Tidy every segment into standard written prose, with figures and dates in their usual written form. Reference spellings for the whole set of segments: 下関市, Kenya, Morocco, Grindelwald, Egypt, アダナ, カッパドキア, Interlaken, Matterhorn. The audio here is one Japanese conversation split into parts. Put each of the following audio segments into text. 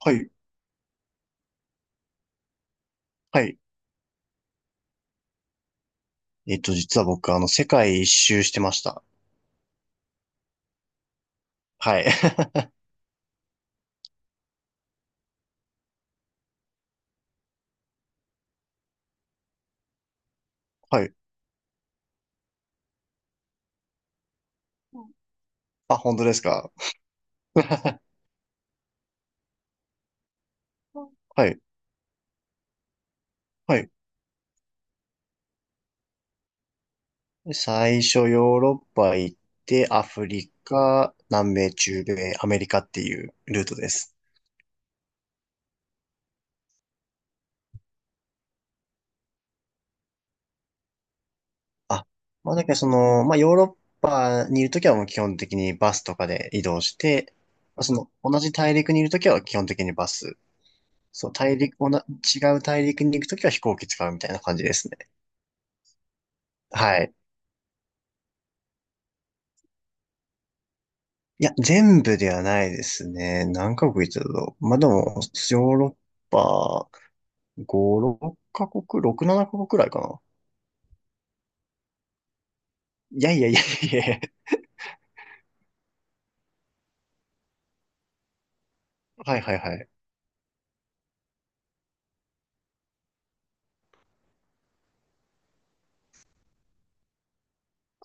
はい。はい。実は僕、世界一周してました。はい。はい。あ、本当ですか？ はい。はい。最初、ヨーロッパ行って、アフリカ、南米、中米、アメリカっていうルートです。あ、まあ、だからその、まあ、ヨーロッパにいるときはもう基本的にバスとかで移動して、まあその、同じ大陸にいるときは基本的にバス。そう、大陸、おな、違う大陸に行くときは飛行機使うみたいな感じですね。はい。いや、全部ではないですね。何カ国行ってたと。まあ、でも、ヨーロッパ5、6カ国、6、7カ国くらいかな。いやいやいやいやいや。はいはいはい。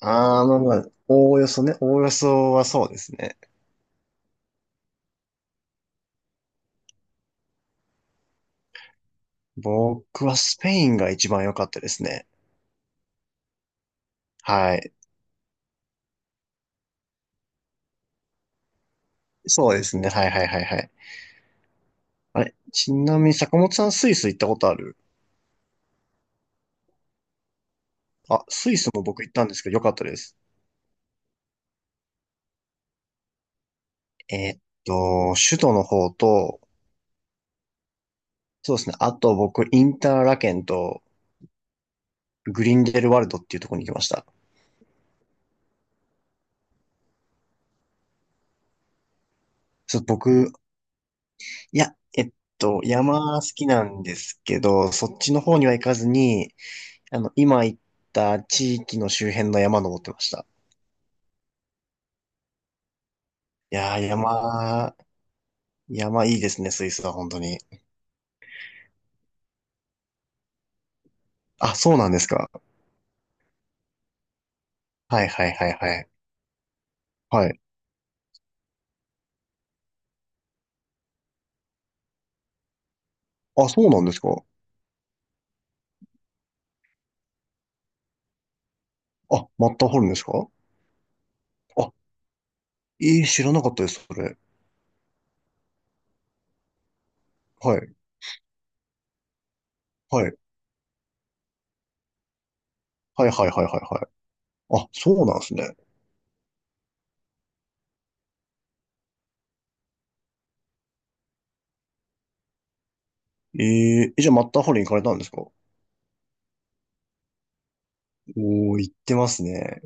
あー、まあまあ、おおよそね。おおよそはそうですね。僕はスペインが一番良かったですね。はい。そうですね。はいはいはいはい。あれ、ちなみに坂本さんスイス行ったことある？あ、スイスも僕行ったんですけど良かったです。えーっ首都の方と、そうですね。あと僕、インターラケンとグリンデルワルドっていうところに行きました。そう、僕、いや、えっと、山好きなんですけど、そっちの方には行かずに、あの、今行った地域の周辺の山登ってました。いやー、山、山いいですね、スイスは本当に。あ、そうなんですか。はいはいはいはい。はい。あ、そうなんですか。あ、マッターホルンですか？あ、えー、知らなかったです、それ。はい。はい。はいはいはいはいはい。あ、そうなんですね。えー、え、じゃあマッターホルン行かれたんですか？おー、行ってますね。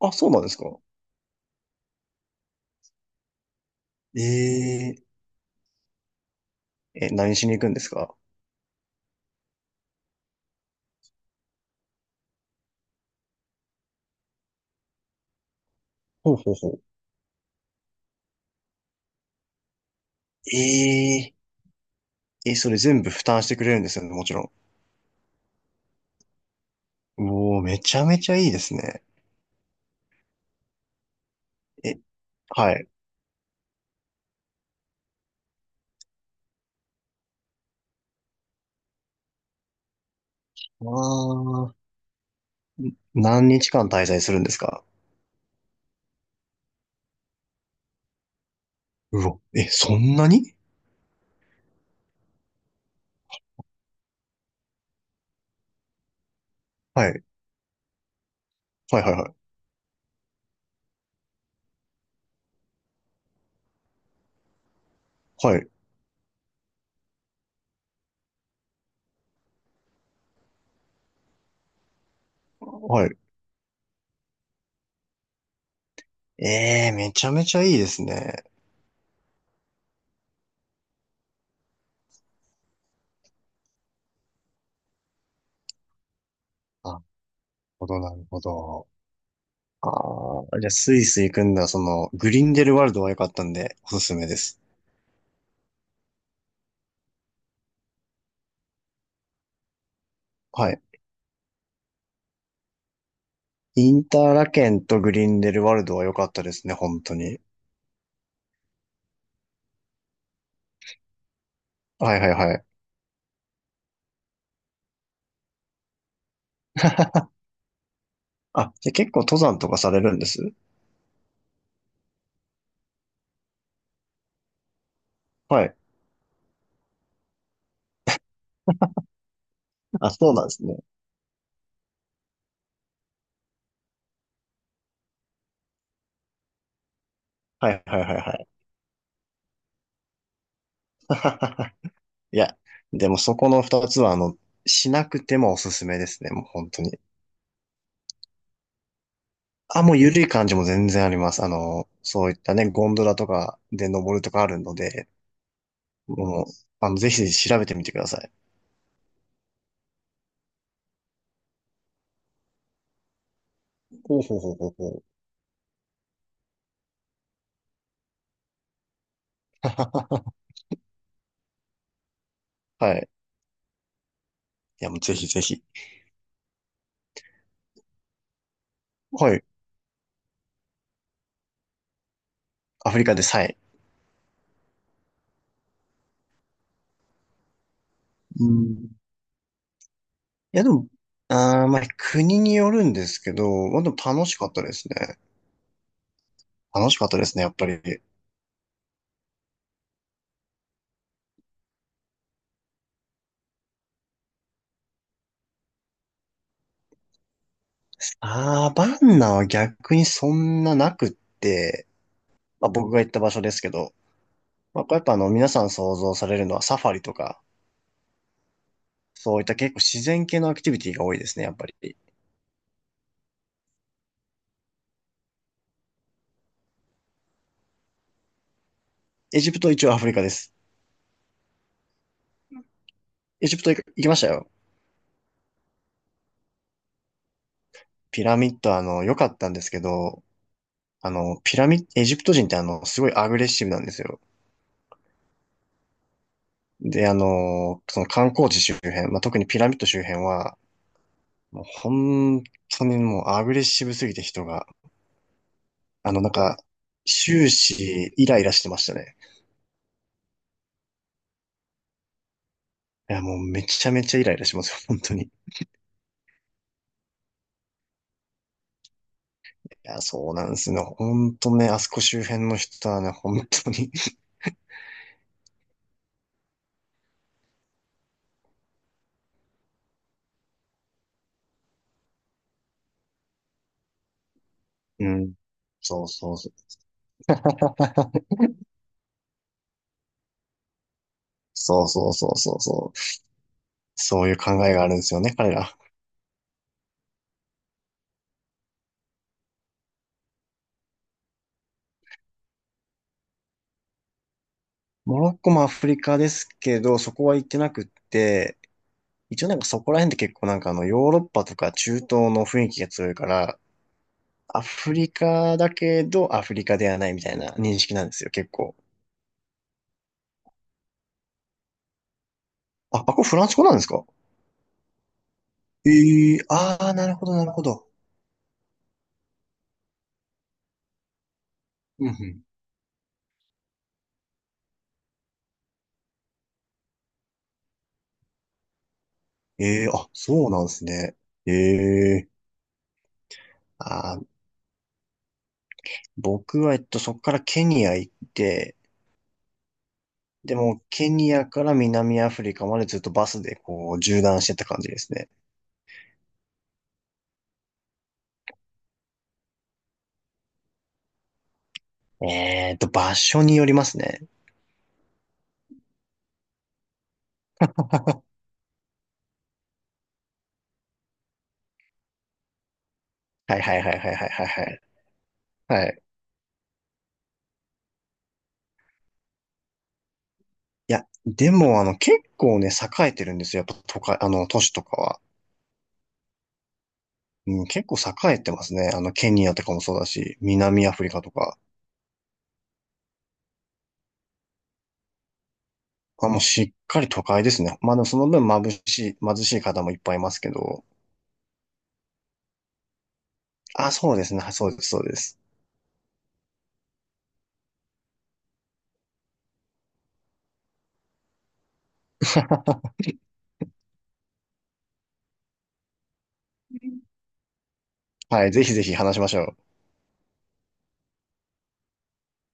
あ、そうなんですか？ええ、え、何しに行くんですか？ほうほうほう。ええ、え、それ全部負担してくれるんですよね、もちろん。うおー、めちゃめちゃいいですね。え、はい。ああ、何日間滞在するんですか？うわ、え、そんなに？はい。はいはいはい。はい。はい。ええ、めちゃめちゃいいですね。なるほど、なるほど。ああ、じゃあスイス行くんだ、その、グリンデルワルドは良かったんで、おすすめです。はい。インターラケンとグリンデルワルドは良かったですね、本当に。はいはいはい。あ、じゃあ結構登山とかされるんです？はい。あ、そうなんですね。はいはいはいはい。いや、でもそこの二つは、あの、しなくてもおすすめですね、もう本当に。あ、もう緩い感じも全然あります。あの、そういったね、ゴンドラとかで登るとかあるので、もう、あの、ぜひぜひ調べてみてください。ほうほうほうほうほう。はい。いや、もうぜひぜひ。はい。アフリカでさえ。うん、いや、でも、あー、まあ、国によるんですけど、まあ、でも楽しかったですね。楽しかったですね、やっぱり。ああ、バンナは逆にそんななくって、まあ、僕が行った場所ですけど、まあ、これやっぱあの、皆さん想像されるのはサファリとか、そういった結構自然系のアクティビティが多いですね、やっぱり。エジプト一応アフリカです。エジプト行行きましたよ。ピラミッド、あの、良かったんですけど、あの、ピラミッド、エジプト人ってあの、すごいアグレッシブなんですよ。で、あの、その観光地周辺、まあ、特にピラミッド周辺は、もう本当にもうアグレッシブすぎて人が、あの、なんか、終始イライラしてましたね。いや、もうめちゃめちゃイライラしますよ、本当に。いや、そうなんですね。本当ね、あそこ周辺の人はね、本当に。うん。そうそうそう。そうそうそうそうそう。そういう考えがあるんですよね、彼ら。モロッコもアフリカですけど、そこは行ってなくって、一応なんかそこら辺って結構なんかあのヨーロッパとか中東の雰囲気が強いから、アフリカだけどアフリカではないみたいな認識なんですよ、結構。あ、あ、これフランス語なんですか？ええー、ああー、なるほど、なるほど。うんうん。ええー、あ、そうなんですね。ええー、あー、僕は、そこからケニア行って、でも、ケニアから南アフリカまでずっとバスでこう、縦断してった感じですね。場所によりますね。はいはいはいはいはいはいはい。はい、いや、でも、あの、結構ね、栄えてるんですよ。やっぱ、都会、あの、都市とかは。うん、結構栄えてますね。あの、ケニアとかもそうだし、南アフリカとか。あ、もうしっかり都会ですね。まあでもその分眩しい、貧しい方もいっぱいいますけど。あ、そうですね。そうです、そうです。はい、ぜひぜひ話しましょう。